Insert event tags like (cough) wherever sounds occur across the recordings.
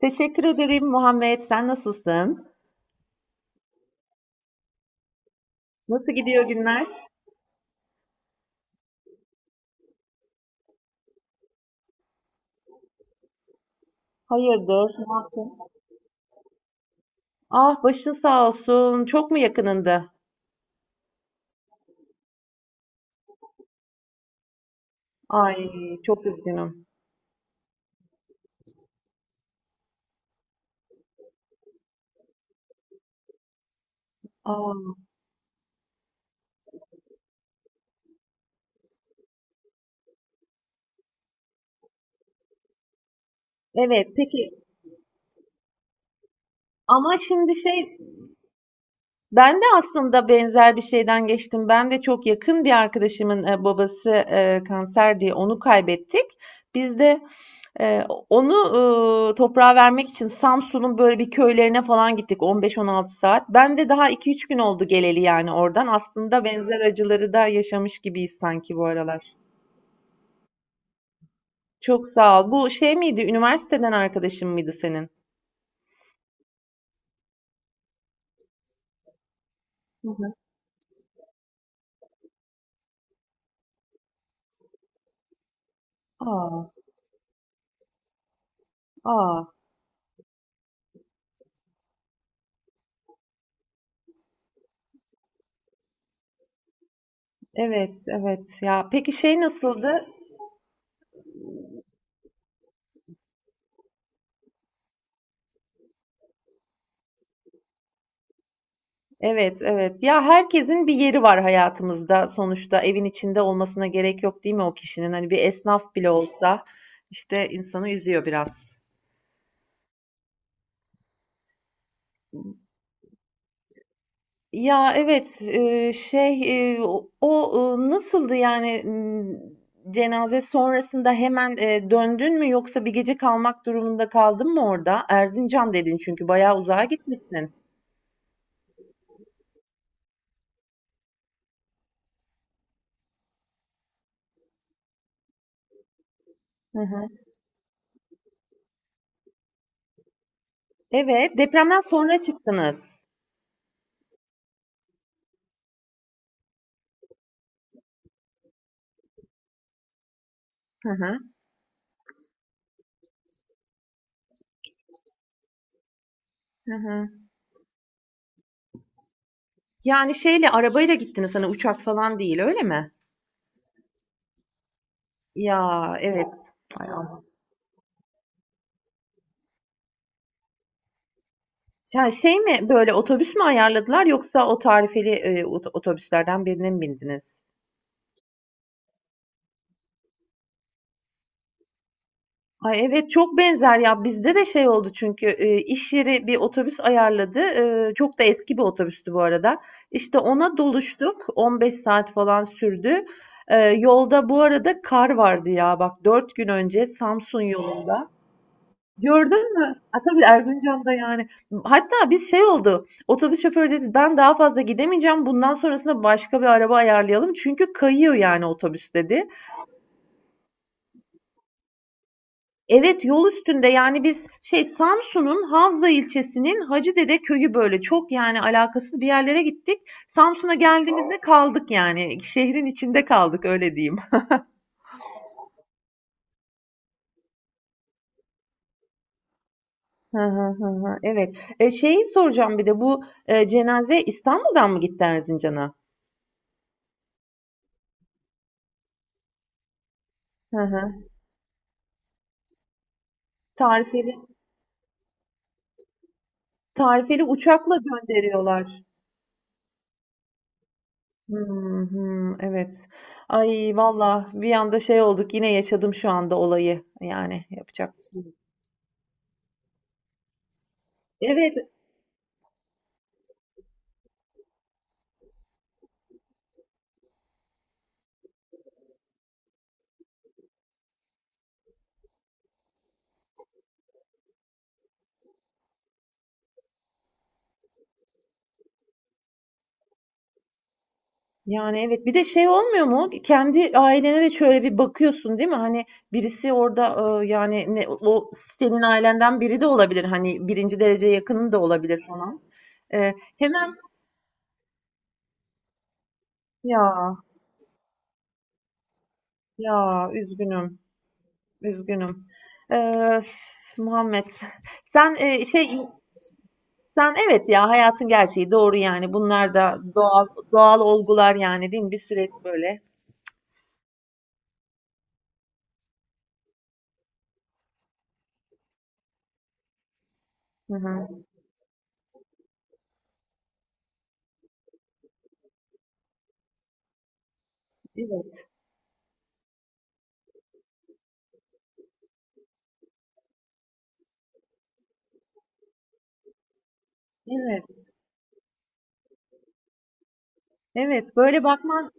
Teşekkür ederim Muhammed. Sen nasılsın? Nasıl gidiyor günler? Hayırdır? Ah başın sağ olsun. Çok mu yakınında? Ay çok üzgünüm. Aa, evet peki, ama şimdi şey, ben de aslında benzer bir şeyden geçtim. Ben de çok yakın bir arkadaşımın babası kanser diye onu kaybettik. Biz de Ee, onu, toprağa vermek için Samsun'un böyle bir köylerine falan gittik 15-16 saat. Ben de daha 2-3 gün oldu geleli yani oradan. Aslında benzer acıları da yaşamış gibiyiz sanki bu aralar. Çok sağ ol. Bu şey miydi, üniversiteden arkadaşın mıydı senin? Hı hı. A! A! Evet, evet. Ya, peki şey nasıldı? Evet, evet. Ya, herkesin bir yeri var hayatımızda sonuçta. Evin içinde olmasına gerek yok değil mi o kişinin? Hani bir esnaf bile olsa, işte, insanı üzüyor biraz. Ya evet, şey o, nasıldı yani, cenaze sonrasında hemen döndün mü yoksa bir gece kalmak durumunda kaldın mı orada? Erzincan dedin çünkü bayağı uzağa gitmişsin. Hı hı. Evet, depremden sonra çıktınız. Hı hı, hı hı. Yani şeyle arabayla gittiniz, hani uçak falan değil, öyle mi? Ya evet. Ay Allah. Ya şey mi, böyle otobüs mü ayarladılar yoksa o tarifeli otobüslerden birine mi bindiniz? Ay, evet, çok benzer ya. Bizde de şey oldu çünkü, iş yeri bir otobüs ayarladı. Çok da eski bir otobüstü bu arada. İşte ona doluştuk. 15 saat falan sürdü. Yolda bu arada kar vardı ya bak, 4 gün önce Samsun yolunda. Gördün mü? A, tabii Erzincan'da yani. Hatta biz şey oldu, otobüs şoförü dedi ben daha fazla gidemeyeceğim. Bundan sonrasında başka bir araba ayarlayalım. Çünkü kayıyor yani otobüs dedi. Evet, yol üstünde. Yani, biz şey, Samsun'un Havza ilçesinin Hacıdede köyü, böyle, çok, yani, alakasız bir yerlere gittik. Samsun'a geldiğimizde kaldık, yani, şehrin içinde kaldık, öyle diyeyim. Hı hı, hı hı. Evet. Şeyi soracağım bir de bu, cenazeye İstanbul'dan mı gitti Erzincan'a? Hı hı. Tarifeli tarifeli uçakla gönderiyorlar. Hımm, hımm, evet. Ay, vallahi bir anda şey olduk, yine yaşadım şu anda olayı. Yani, yapacak bir şey yok. Evet. Yani, evet. Bir de şey olmuyor mu? Kendi ailene de şöyle bir bakıyorsun, değil mi? Hani, birisi orada, yani, ne o senin ailenden biri de olabilir, hani, birinci derece yakının da olabilir falan. Hemen. Ya, ya, üzgünüm, üzgünüm. Eee, Muhammed, sen, eee, şey, sen evet ya, hayatın gerçeği, doğru yani. Bunlar da doğal doğal olgular yani, değil mi? Bir süreç böyle. Hı hı. Evet, evet. Evet, böyle bakman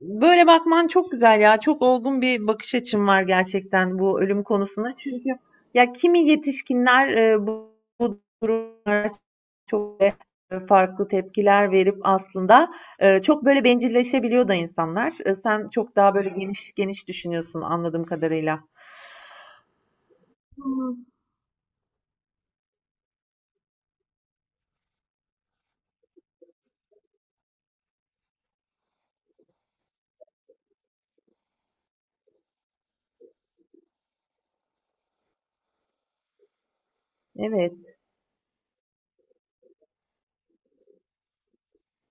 Böyle bakman çok güzel ya. Çok olgun bir bakış açın var gerçekten bu ölüm konusuna. Çünkü ya kimi yetişkinler bu duruma çok farklı tepkiler verip aslında çok böyle bencilleşebiliyor da insanlar. Sen çok daha böyle geniş geniş düşünüyorsun anladığım kadarıyla. Hmm. Evet,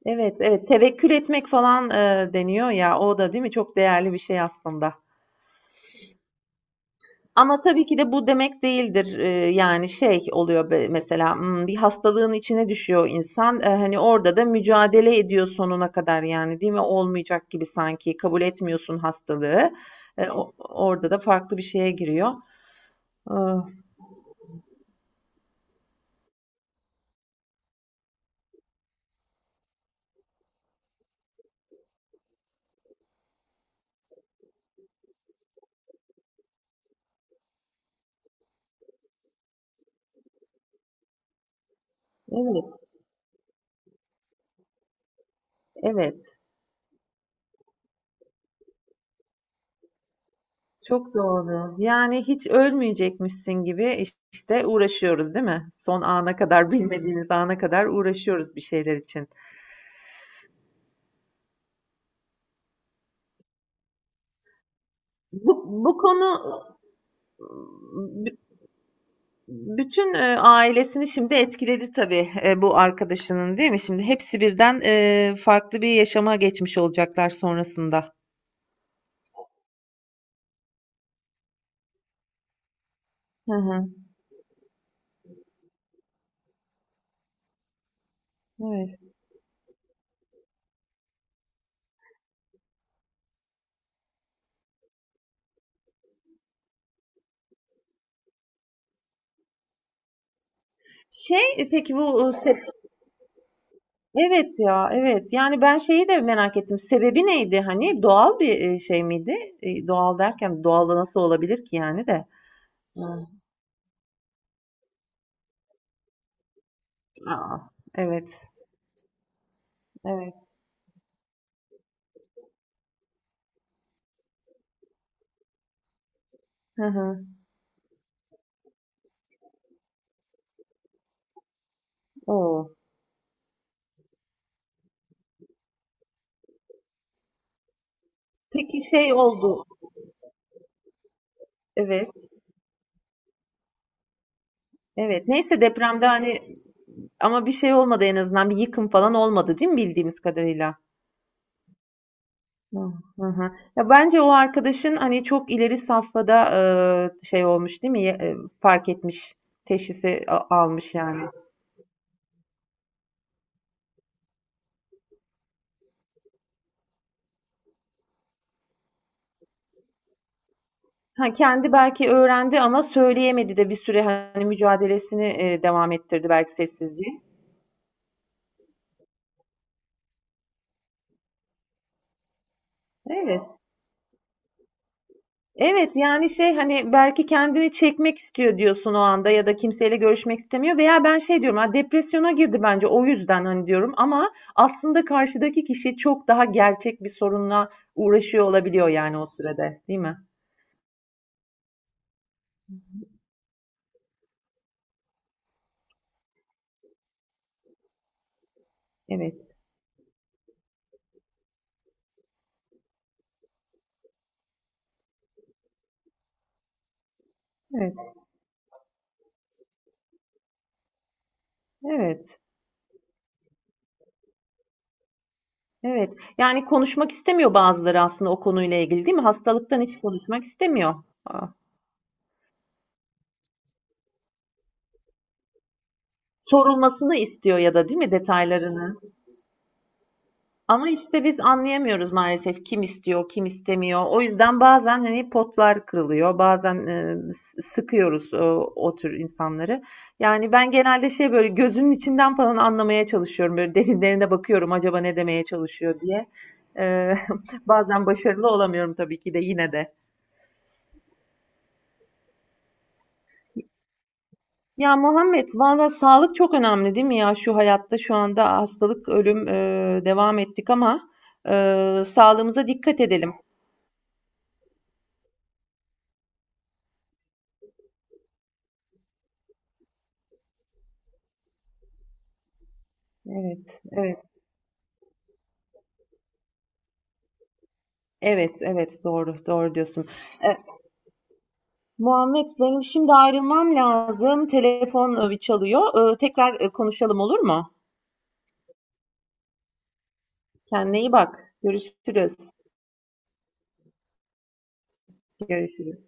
evet, evet. Tevekkül etmek falan deniyor ya. O da değil mi? Çok değerli bir şey aslında. Ama tabii ki de bu demek değildir. Yani şey oluyor, mesela bir hastalığın içine düşüyor insan. Hani orada da mücadele ediyor sonuna kadar yani, değil mi? Olmayacak gibi sanki kabul etmiyorsun hastalığı. Orada da farklı bir şeye giriyor. Ah, evet, evet. Çok doğru. Yani hiç ölmeyecekmişsin gibi işte uğraşıyoruz değil mi? Son ana kadar, bilmediğimiz ana kadar uğraşıyoruz bir şeyler için. Bu, bu konu Bütün, ailesini şimdi etkiledi tabii, bu arkadaşının, değil mi? Şimdi hepsi birden, farklı bir yaşama geçmiş olacaklar sonrasında. Hı hı. Evet. Şey, peki bu, sep Evet ya, evet. Yani ben şeyi de merak ettim. Sebebi neydi hani? Doğal bir, şey miydi? İii, doğal derken doğal da nasıl olabilir ki yani de? Hıı. A! Evet, evet. Hı hı. O! Peki şey oldu. Evet, evet. Neyse, depremde hani. Ama bir şey olmadı en azından. Bir yıkım falan olmadı, değil mi bildiğimiz kadarıyla? Hı hı. Hı. Ya bence o arkadaşın hani çok ileri safhada şey olmuş değil mi? Fark etmiş, teşhisi almış yani. Ha, kendi belki öğrendi ama söyleyemedi de bir süre hani mücadelesini devam ettirdi belki sessizce. Evet. Evet, yani, şey, hani, belki kendini çekmek istiyor diyorsun o anda ya da kimseyle görüşmek istemiyor, veya ben şey diyorum, "A, depresyona girdi bence o yüzden." hani, diyorum ama aslında karşıdaki kişi çok daha gerçek bir sorunla uğraşıyor olabiliyor, yani, o sürede, değil mi? Evet, evet, evet, evet. Yani, konuşmak istemiyor bazıları aslında o konuyla ilgili, değil mi? Hastalıktan hiç konuşmak istemiyor. A, sorulmasını istiyor ya da, değil mi, detaylarını? Ama işte biz anlayamıyoruz maalesef kim istiyor, kim istemiyor. O yüzden bazen hani potlar kırılıyor, bazen sıkıyoruz o tür insanları. Yani ben genelde şey böyle gözünün içinden falan anlamaya çalışıyorum. Böyle derinlerine bakıyorum acaba ne demeye çalışıyor diye. E, (laughs) bazen başarılı olamıyorum tabii ki de yine de. Ya Muhammed, valla sağlık çok önemli değil mi ya, şu hayatta şu anda hastalık, ölüm devam ettik ama sağlığımıza dikkat edelim. Evet, evet. Evet, evet, doğru, doğru diyorsun. Eee, Muhammed benim şimdi ayrılmam lazım. Telefon, çalıyor. Tekrar, konuşalım olur mu? Kendine iyi bak. Görüşürüz. Görüşürüz.